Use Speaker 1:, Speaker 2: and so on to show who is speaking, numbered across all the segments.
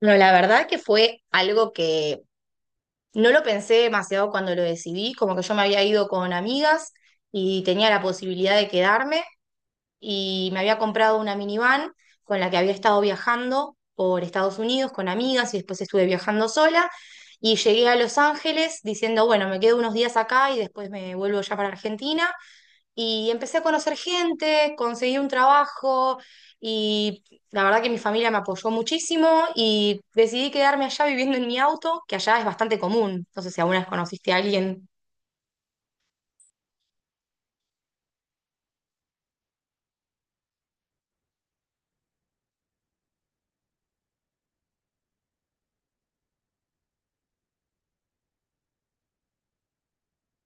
Speaker 1: No, la verdad que fue algo que no lo pensé demasiado cuando lo decidí, como que yo me había ido con amigas y tenía la posibilidad de quedarme y me había comprado una minivan con la que había estado viajando por Estados Unidos con amigas y después estuve viajando sola y llegué a Los Ángeles diciendo, bueno, me quedo unos días acá y después me vuelvo ya para Argentina y empecé a conocer gente, conseguí un trabajo y la verdad que mi familia me apoyó muchísimo y decidí quedarme allá viviendo en mi auto, que allá es bastante común. No sé si alguna vez conociste a alguien.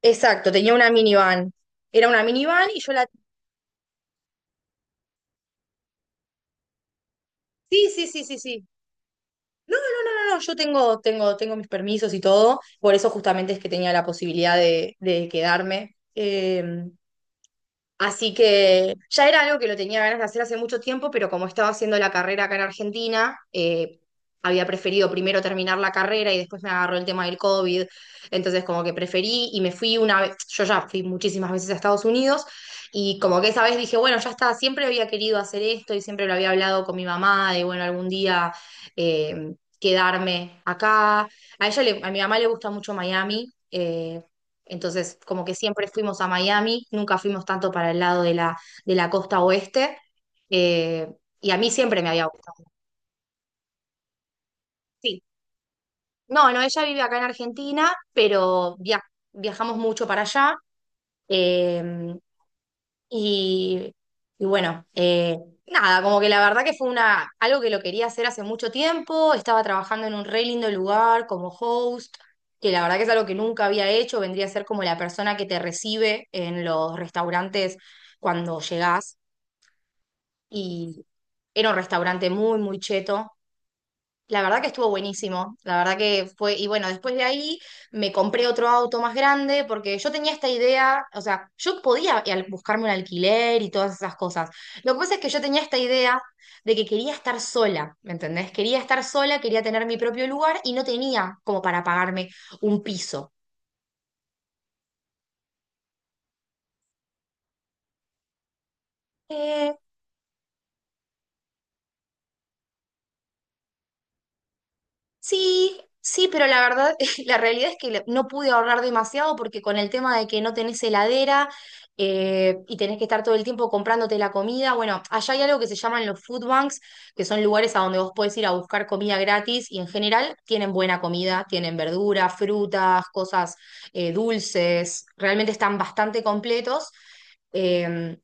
Speaker 1: Exacto, tenía una minivan. Era una minivan y yo la... Sí, sí, sí, sí, sí. No, no, no, no, no, yo tengo mis permisos y todo. Por eso justamente es que tenía la posibilidad de quedarme. Así que ya era algo que lo tenía ganas de hacer hace mucho tiempo, pero como estaba haciendo la carrera acá en Argentina, había preferido primero terminar la carrera y después me agarró el tema del COVID. Entonces como que preferí y me fui una vez, yo ya fui muchísimas veces a Estados Unidos y como que esa vez dije, bueno, ya está, siempre había querido hacer esto y siempre lo había hablado con mi mamá de, bueno, algún día eh, quedarme acá. A mi mamá le gusta mucho Miami. Entonces, como que siempre fuimos a Miami, nunca fuimos tanto para el lado de la costa oeste. eh, y a mí siempre me había gustado. Sí. No, no, ella vive acá en Argentina, pero viajamos mucho para allá. eh, Y, y bueno, nada, como que la verdad que fue una, algo que lo quería hacer hace mucho tiempo, estaba trabajando en un re lindo lugar como host, que la verdad que es algo que nunca había hecho, vendría a ser como la persona que te recibe en los restaurantes cuando llegás, y era un restaurante muy, muy cheto, la verdad que estuvo buenísimo, la verdad que fue, y bueno, después de ahí me compré otro auto más grande porque yo tenía esta idea, o sea, yo podía buscarme un alquiler y todas esas cosas. Lo que pasa es que yo tenía esta idea de que quería estar sola, ¿me entendés? Quería estar sola, quería tener mi propio lugar y no tenía como para pagarme un piso. Eh, Sí, sí, pero la verdad, la realidad es que no pude ahorrar demasiado porque con el tema de que no tenés heladera y tenés que estar todo el tiempo comprándote la comida, bueno, allá hay algo que se llaman los food banks, que son lugares a donde vos podés ir a buscar comida gratis y en general tienen buena comida, tienen verduras, frutas, cosas dulces, realmente están bastante completos. Em,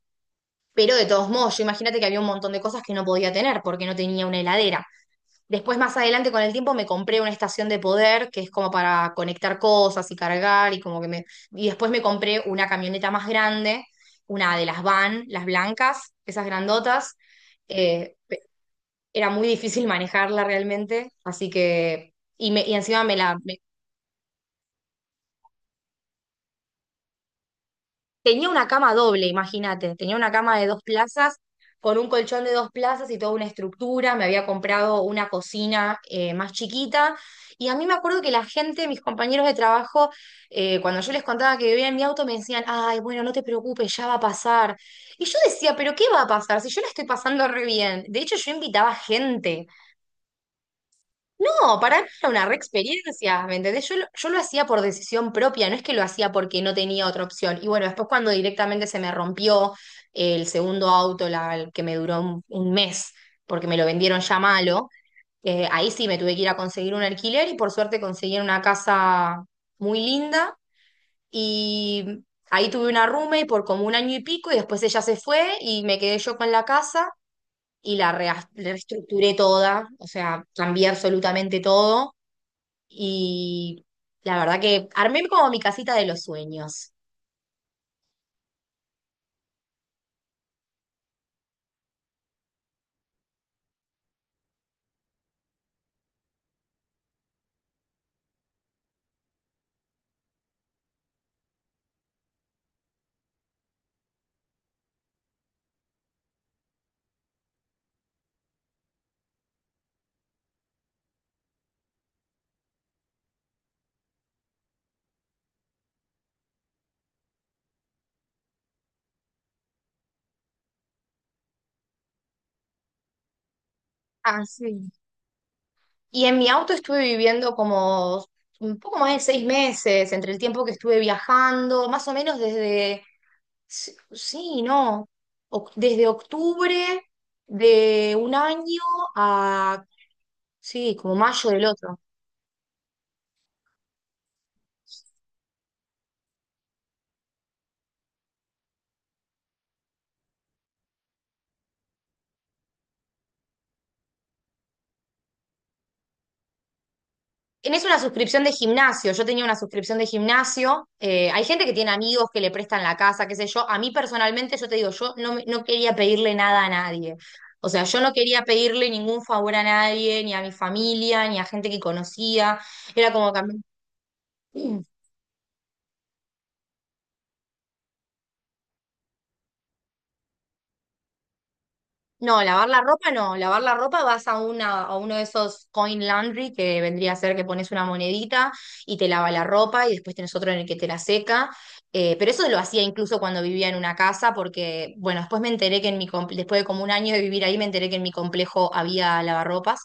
Speaker 1: pero de todos modos, yo imagínate que había un montón de cosas que no podía tener porque no tenía una heladera. Después, más adelante, con el tiempo, me compré una estación de poder que es como para conectar cosas y cargar y como que me... Y después me compré una camioneta más grande, una de las van, las blancas, esas grandotas. Eh, Era muy difícil manejarla realmente, así que... Y encima me la, me... Tenía una cama doble, imagínate, tenía una cama de dos plazas con un colchón de dos plazas y toda una estructura, me había comprado una cocina más chiquita y a mí me acuerdo que la gente, mis compañeros de trabajo, cuando yo les contaba que vivía en mi auto me decían, ay, bueno, no te preocupes, ya va a pasar. Y yo decía, pero ¿qué va a pasar si yo la estoy pasando re bien? De hecho, yo invitaba gente, no, para mí era una re experiencia, ¿me entendés? Yo lo hacía por decisión propia, no es que lo hacía porque no tenía otra opción. Y bueno, después cuando directamente se me rompió el segundo auto, la, el que me duró un mes, porque me lo vendieron ya malo, ahí sí me tuve que ir a conseguir un alquiler y por suerte conseguí una casa muy linda y ahí tuve una roommate por como un año y pico y después ella se fue y me quedé yo con la casa y la reestructuré toda, o sea, cambié absolutamente todo y la verdad que armé como mi casita de los sueños. Ah, sí. Y en mi auto estuve viviendo como un poco más de 6 meses, entre el tiempo que estuve viajando, más o menos desde, sí, sí, no, desde octubre de un año a, sí, como mayo del otro. Tenés una suscripción de gimnasio. Yo tenía una suscripción de gimnasio. Hay gente que tiene amigos que le prestan la casa, qué sé yo. A mí personalmente, yo te digo, yo no, no quería pedirle nada a nadie. O sea, yo no quería pedirle ningún favor a nadie, ni a mi familia, ni a gente que conocía. Era como que a mí... No, lavar la ropa no. Lavar la ropa vas a, una, a uno de esos coin laundry que vendría a ser que pones una monedita y te lava la ropa y después tenés otro en el que te la seca. Pero eso lo hacía incluso cuando vivía en una casa porque, bueno, después me enteré que en mi, después de como un año de vivir ahí, me enteré que en mi complejo había lavarropas.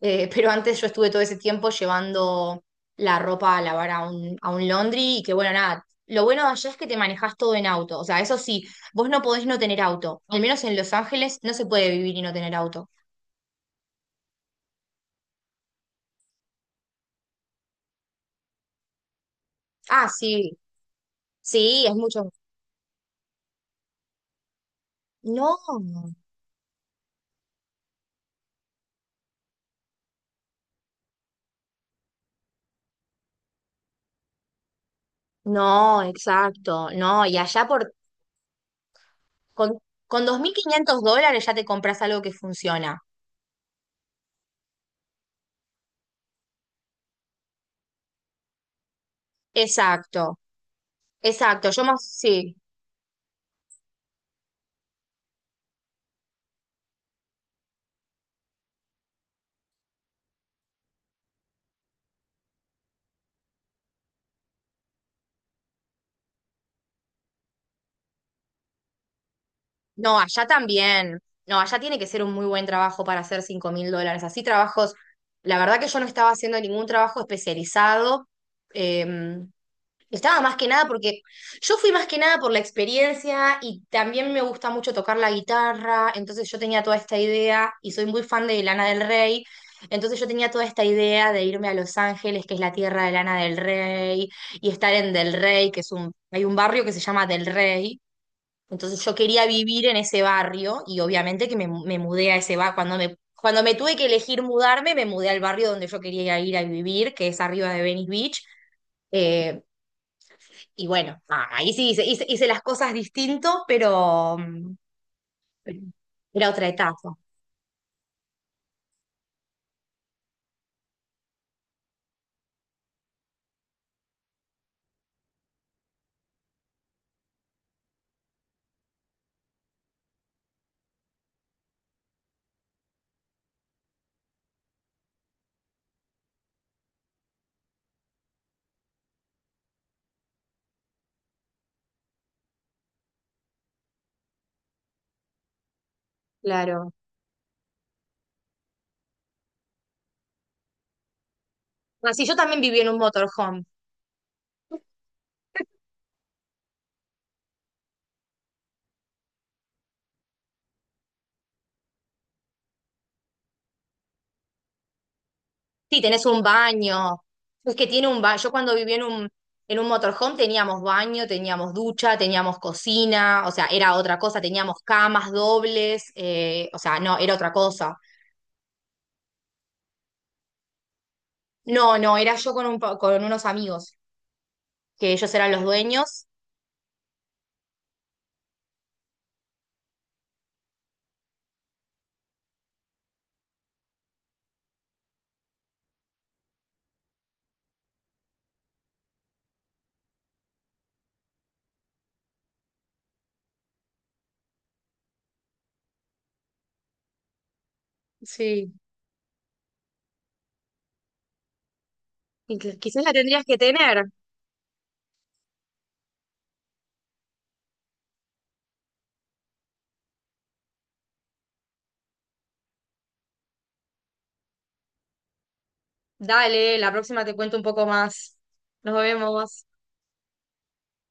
Speaker 1: Pero antes yo estuve todo ese tiempo llevando la ropa a lavar a un laundry y que bueno, nada, lo bueno de allá es que te manejas todo en auto, o sea, eso sí, vos no podés no tener auto. Al menos en Los Ángeles no se puede vivir y no tener auto. Ah, sí, sí, es mucho. No, no, exacto, no, y allá con, con 2500 dólares ya te compras algo que funciona. Exacto, exacto, yo más, sí. No, allá también. No, allá tiene que ser un muy buen trabajo para hacer 5000 dólares. Así trabajos, la verdad que yo no estaba haciendo ningún trabajo especializado. eh, Estaba más que nada porque yo fui más que nada por la experiencia y también me gusta mucho tocar la guitarra. Entonces yo tenía toda esta idea y soy muy fan de Lana del Rey. Entonces yo tenía toda esta idea de irme a Los Ángeles, que es la tierra de Lana del Rey, y estar en Del Rey, que es un, hay un barrio que se llama Del Rey, entonces yo quería vivir en ese barrio y obviamente que me mudé a ese barrio. Cuando me tuve que elegir mudarme, me mudé al barrio donde yo quería ir a vivir, que es arriba de Venice Beach. Eh, y bueno, nada, ahí sí hice, hice las cosas distinto, pero era otra etapa. Claro. Así yo también viví en un motorhome. Sí, tenés un baño. Es que tiene un baño. Yo cuando viví en un, motorhome teníamos baño, teníamos ducha, teníamos cocina, o sea, era otra cosa, teníamos camas dobles, o sea, no, era otra cosa. No, no, era yo con unos amigos, que ellos eran los dueños. Sí, y quizás la tendrías que tener. Dale, la próxima te cuento un poco más. Nos vemos.